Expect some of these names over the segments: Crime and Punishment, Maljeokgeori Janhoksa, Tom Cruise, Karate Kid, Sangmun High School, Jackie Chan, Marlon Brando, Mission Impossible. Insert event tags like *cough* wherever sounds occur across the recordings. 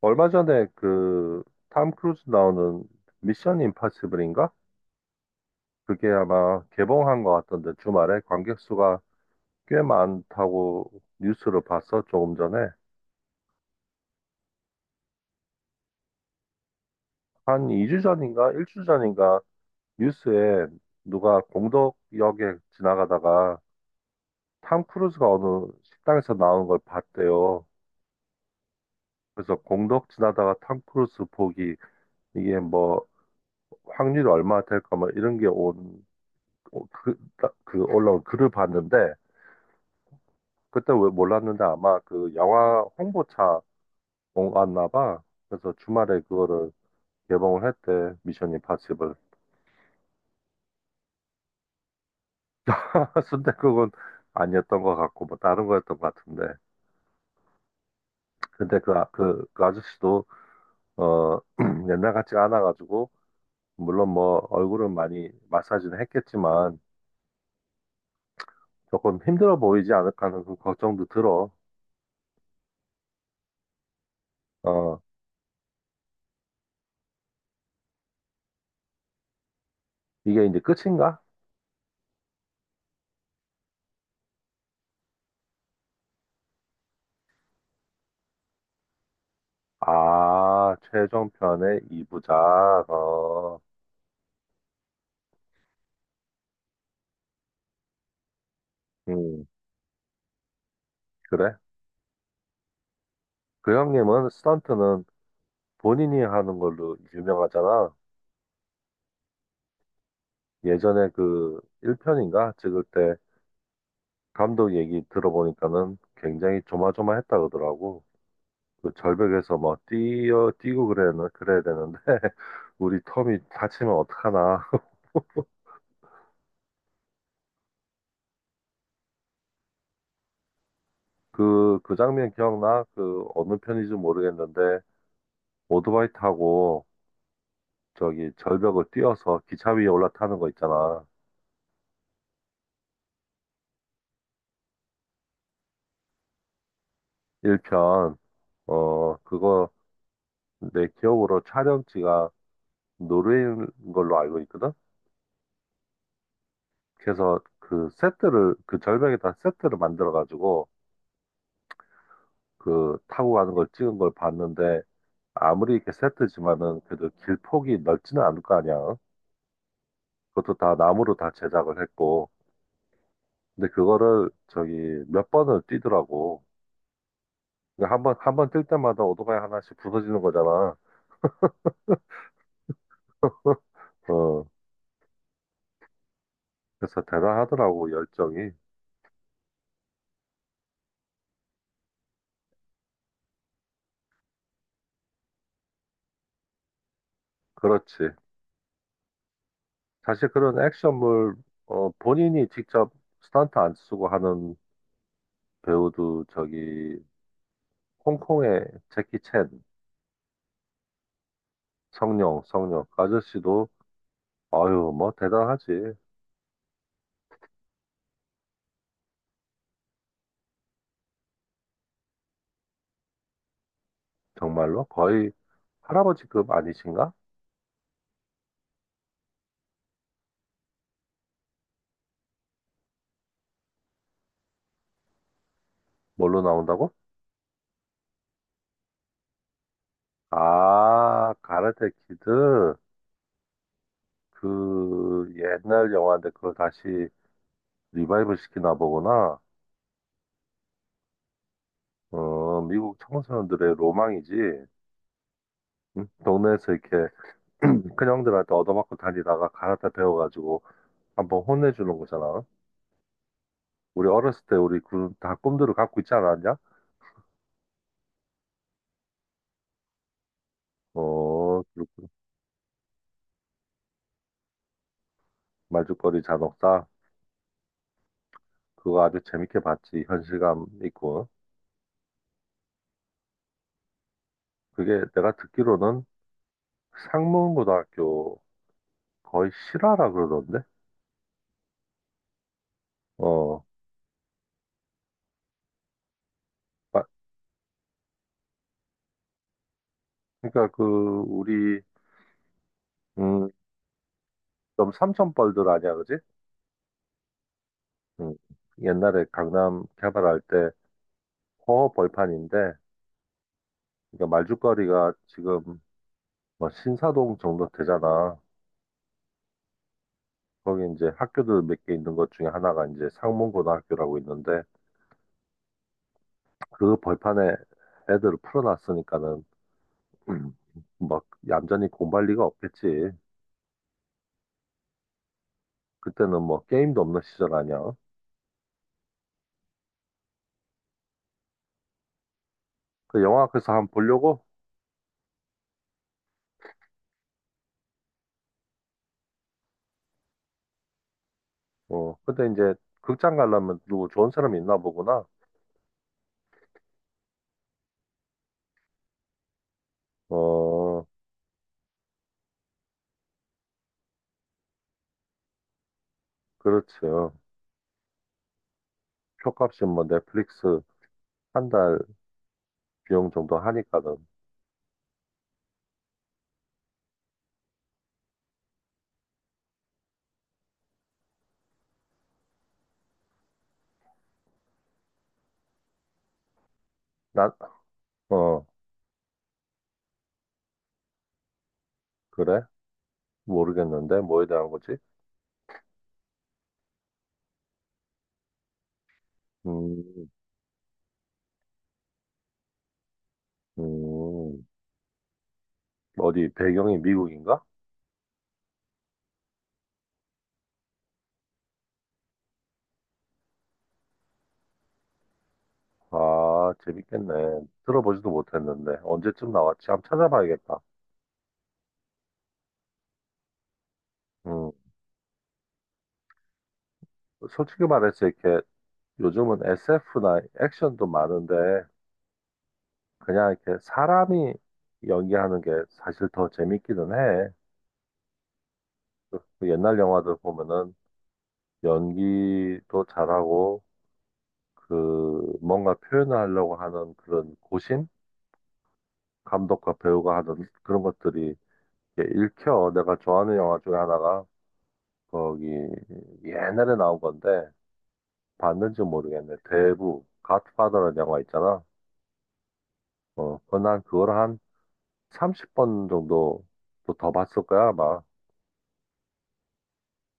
얼마 전에 그, 탐 크루즈 나오는 미션 임파서블인가? 그게 아마 개봉한 것 같던데, 주말에 관객 수가 꽤 많다고 뉴스를 봤어, 조금 전에. 한 2주 전인가? 1주 전인가? 뉴스에 누가 공덕 역에 지나가다가 탐 크루즈가 어느 식당에서 나온 걸 봤대요. 그래서 공덕 지나다가 탐 크루즈 보기, 이게 뭐, 확률이 얼마 될까, 뭐, 이런 게 온, 그, 그 올라온 글을 봤는데, 그때 왜 몰랐는데 아마 그 영화 홍보차 온 왔나 봐. 그래서 주말에 그거를 개봉을 했대. 미션 임파서블. *laughs* 순댓국은 아니었던 것 같고 뭐 다른 거였던 것 같은데. 근데 그, 그, 아저씨도 어 *clears throat* 옛날 같지 않아가지고, 물론 뭐 얼굴은 많이 마사지는 했겠지만 조금 힘들어 보이지 않을까 하는 그 걱정도 들어. 어 이게 이제 끝인가? 아, 최종편의 이부작. 어. 음, 그래? 그 형님은 스턴트는 본인이 하는 걸로 유명하잖아. 예전에 그 1편인가 찍을 때 감독 얘기 들어보니까는 굉장히 조마조마했다 그러더라고. 그 절벽에서 뭐 뛰어 뛰고 그래야 되는데 *laughs* 우리 톰이 다치면 어떡하나. *laughs* 그 장면 기억나? 그 어느 편인지 모르겠는데 오토바이 타고 저기 절벽을 뛰어서 기차 위에 올라타는 거 있잖아. 1편. 어 그거 내 기억으로 촬영지가 노르웨이인 걸로 알고 있거든. 그래서 그 세트를 그 절벽에다 세트를 만들어 가지고 그 타고 가는 걸 찍은 걸 봤는데 아무리 이렇게 세트지만은 그래도 길 폭이 넓지는 않을 거 아니야. 그것도 다 나무로 다 제작을 했고. 근데 그거를 저기 몇 번을 뛰더라고. 그러니까 한 번, 한 번 뛸 때마다 오토바이 하나씩 부서지는 거잖아. 어, 그래서 대단하더라고, 열정이. 그렇지. 사실 그런 액션물, 어, 본인이 직접 스턴트 안 쓰고 하는 배우도 저기 홍콩의 재키 챈, 성룡, 성룡 아저씨도 아유 뭐 대단하지. 정말로 거의 할아버지급 아니신가? 뭘로 나온다고? 아, 가라테 키드. 그 옛날 영화인데 그걸 다시 리바이벌 시키나 보구나. 어, 미국 청소년들의 로망이지. 응? 동네에서 이렇게 *clears throat* 큰 형들한테 얻어맞고 다니다가 가라테 배워가지고 한번 혼내주는 거잖아. 우리 어렸을 때 우리 그 다 꿈들을 갖고 있지 않았냐? 어, 그렇군. 말죽거리 잔혹사. 그거 아주 재밌게 봤지. 현실감 있고. 그게 내가 듣기로는 상문고등학교 거의 실화라 그러던데? 어, 마- 그러니까 그, 우리, 음, 좀 삼천벌들 아니야, 그지? 음, 옛날에 강남 개발할 때 허허벌판인데, 그러니까 말죽거리가 지금 뭐 신사동 정도 되잖아. 거기 이제 학교들 몇 개 있는 것 중에 하나가 이제 상문고등학교라고 있는데 그 벌판에 애들을 풀어놨으니까는 *clears throat* 막 얌전히 공부할 리가 없겠지. 그때는 뭐 게임도 없는 시절 아니야. 그 영화 앞에서 한번 보려고. 어 근데 이제 극장 가려면 누구 좋은 사람이 있나 보구나. 어 그렇죠. 표값이 뭐 넷플릭스 한 달 비용 정도 하니까는 난 어 그래 모르겠는데 뭐에 대한 거지? 음 음. 어디 배경이 미국인가? 아, 재밌겠네. 들어보지도 못했는데 언제쯤 나왔지? 한번 찾아봐야겠다. 음, 솔직히 말해서 이렇게 요즘은 SF나 액션도 많은데 그냥 이렇게 사람이 연기하는 게 사실 더 재밌기는 해. 그 옛날 영화들 보면은 연기도 잘하고 그 뭔가 표현을 하려고 하는 그런 고심? 감독과 배우가 하는 그런 것들이 이렇게 읽혀. 내가 좋아하는 영화 중에 하나가 거기 옛날에 나온 건데 봤는지 모르겠네. 대부 갓파더라는 영화 있잖아. 어, 그난 그걸 한 30번 정도 또더 봤을 거야, 아마.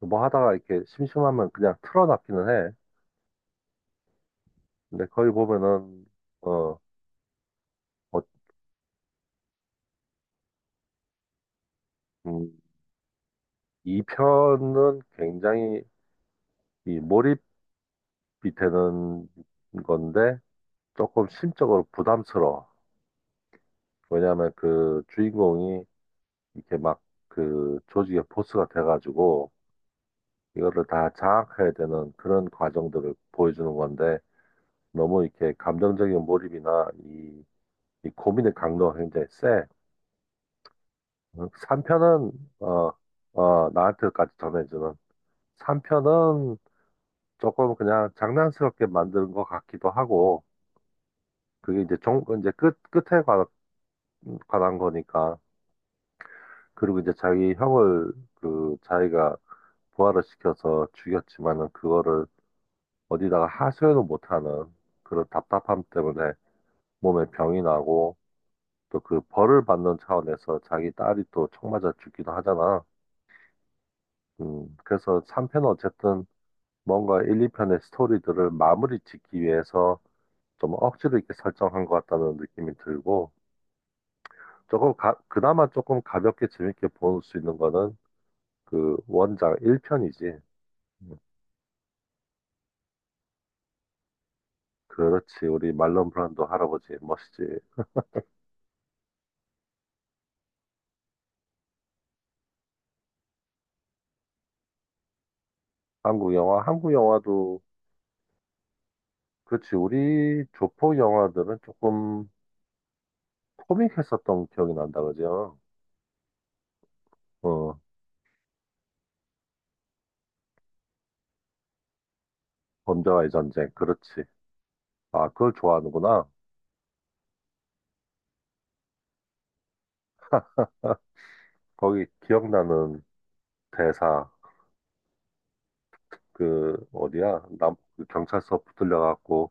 뭐 하다가 이렇게 심심하면 그냥 틀어놨기는 해. 근데 거기 보면은 어, 어, 음, 이 편은 굉장히 이 몰입이 되는 건데 조금 심적으로 부담스러워. 왜냐하면 그 주인공이 이렇게 막 그 조직의 보스가 돼가지고 이거를 다 장악해야 되는 그런 과정들을 보여주는 건데 너무 이렇게 감정적인 몰입이나 이, 이 고민의 강도가 굉장히 세. 3편은 어, 어, 나한테까지 전해주는 3편은 조금 그냥 장난스럽게 만드는 것 같기도 하고 그게 이제 종 이제 끝 끝에 관한 거니까 그리고 이제 자기 형을 그 자기가 부활을 시켜서 죽였지만은 그거를 어디다가 하소연을 못하는 그런 답답함 때문에 몸에 병이 나고 또 그 벌을 받는 차원에서 자기 딸이 또 총 맞아 죽기도 하잖아. 그래서 3편은 어쨌든 뭔가 1, 2편의 스토리들을 마무리 짓기 위해서 좀 억지로 이렇게 설정한 것 같다는 느낌이 들고 조금 그나마 조금 가볍게 재밌게 볼 수 있는 거는 그 원작 1편이지. 그렇지. 우리 말론 브란도 할아버지 멋있지. 한국 영화, 한국 영화도 그렇지. 우리 조폭 영화들은 조금 코믹했었던 기억이 난다, 그죠? 어, 범죄와의 전쟁. 그렇지. 아, 그걸 좋아하는구나. *laughs* 아, 거기 기억나는 대사. 그, 어디야? 남, 그 경찰서 붙들려갖고,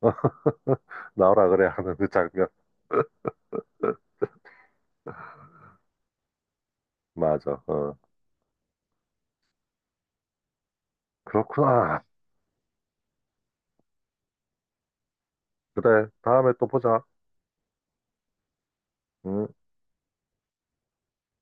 *laughs* 나오라 그래 하는 그 장면. *laughs* 맞아. 어. 그렇구나. 그래. 다음에 또 보자. 응.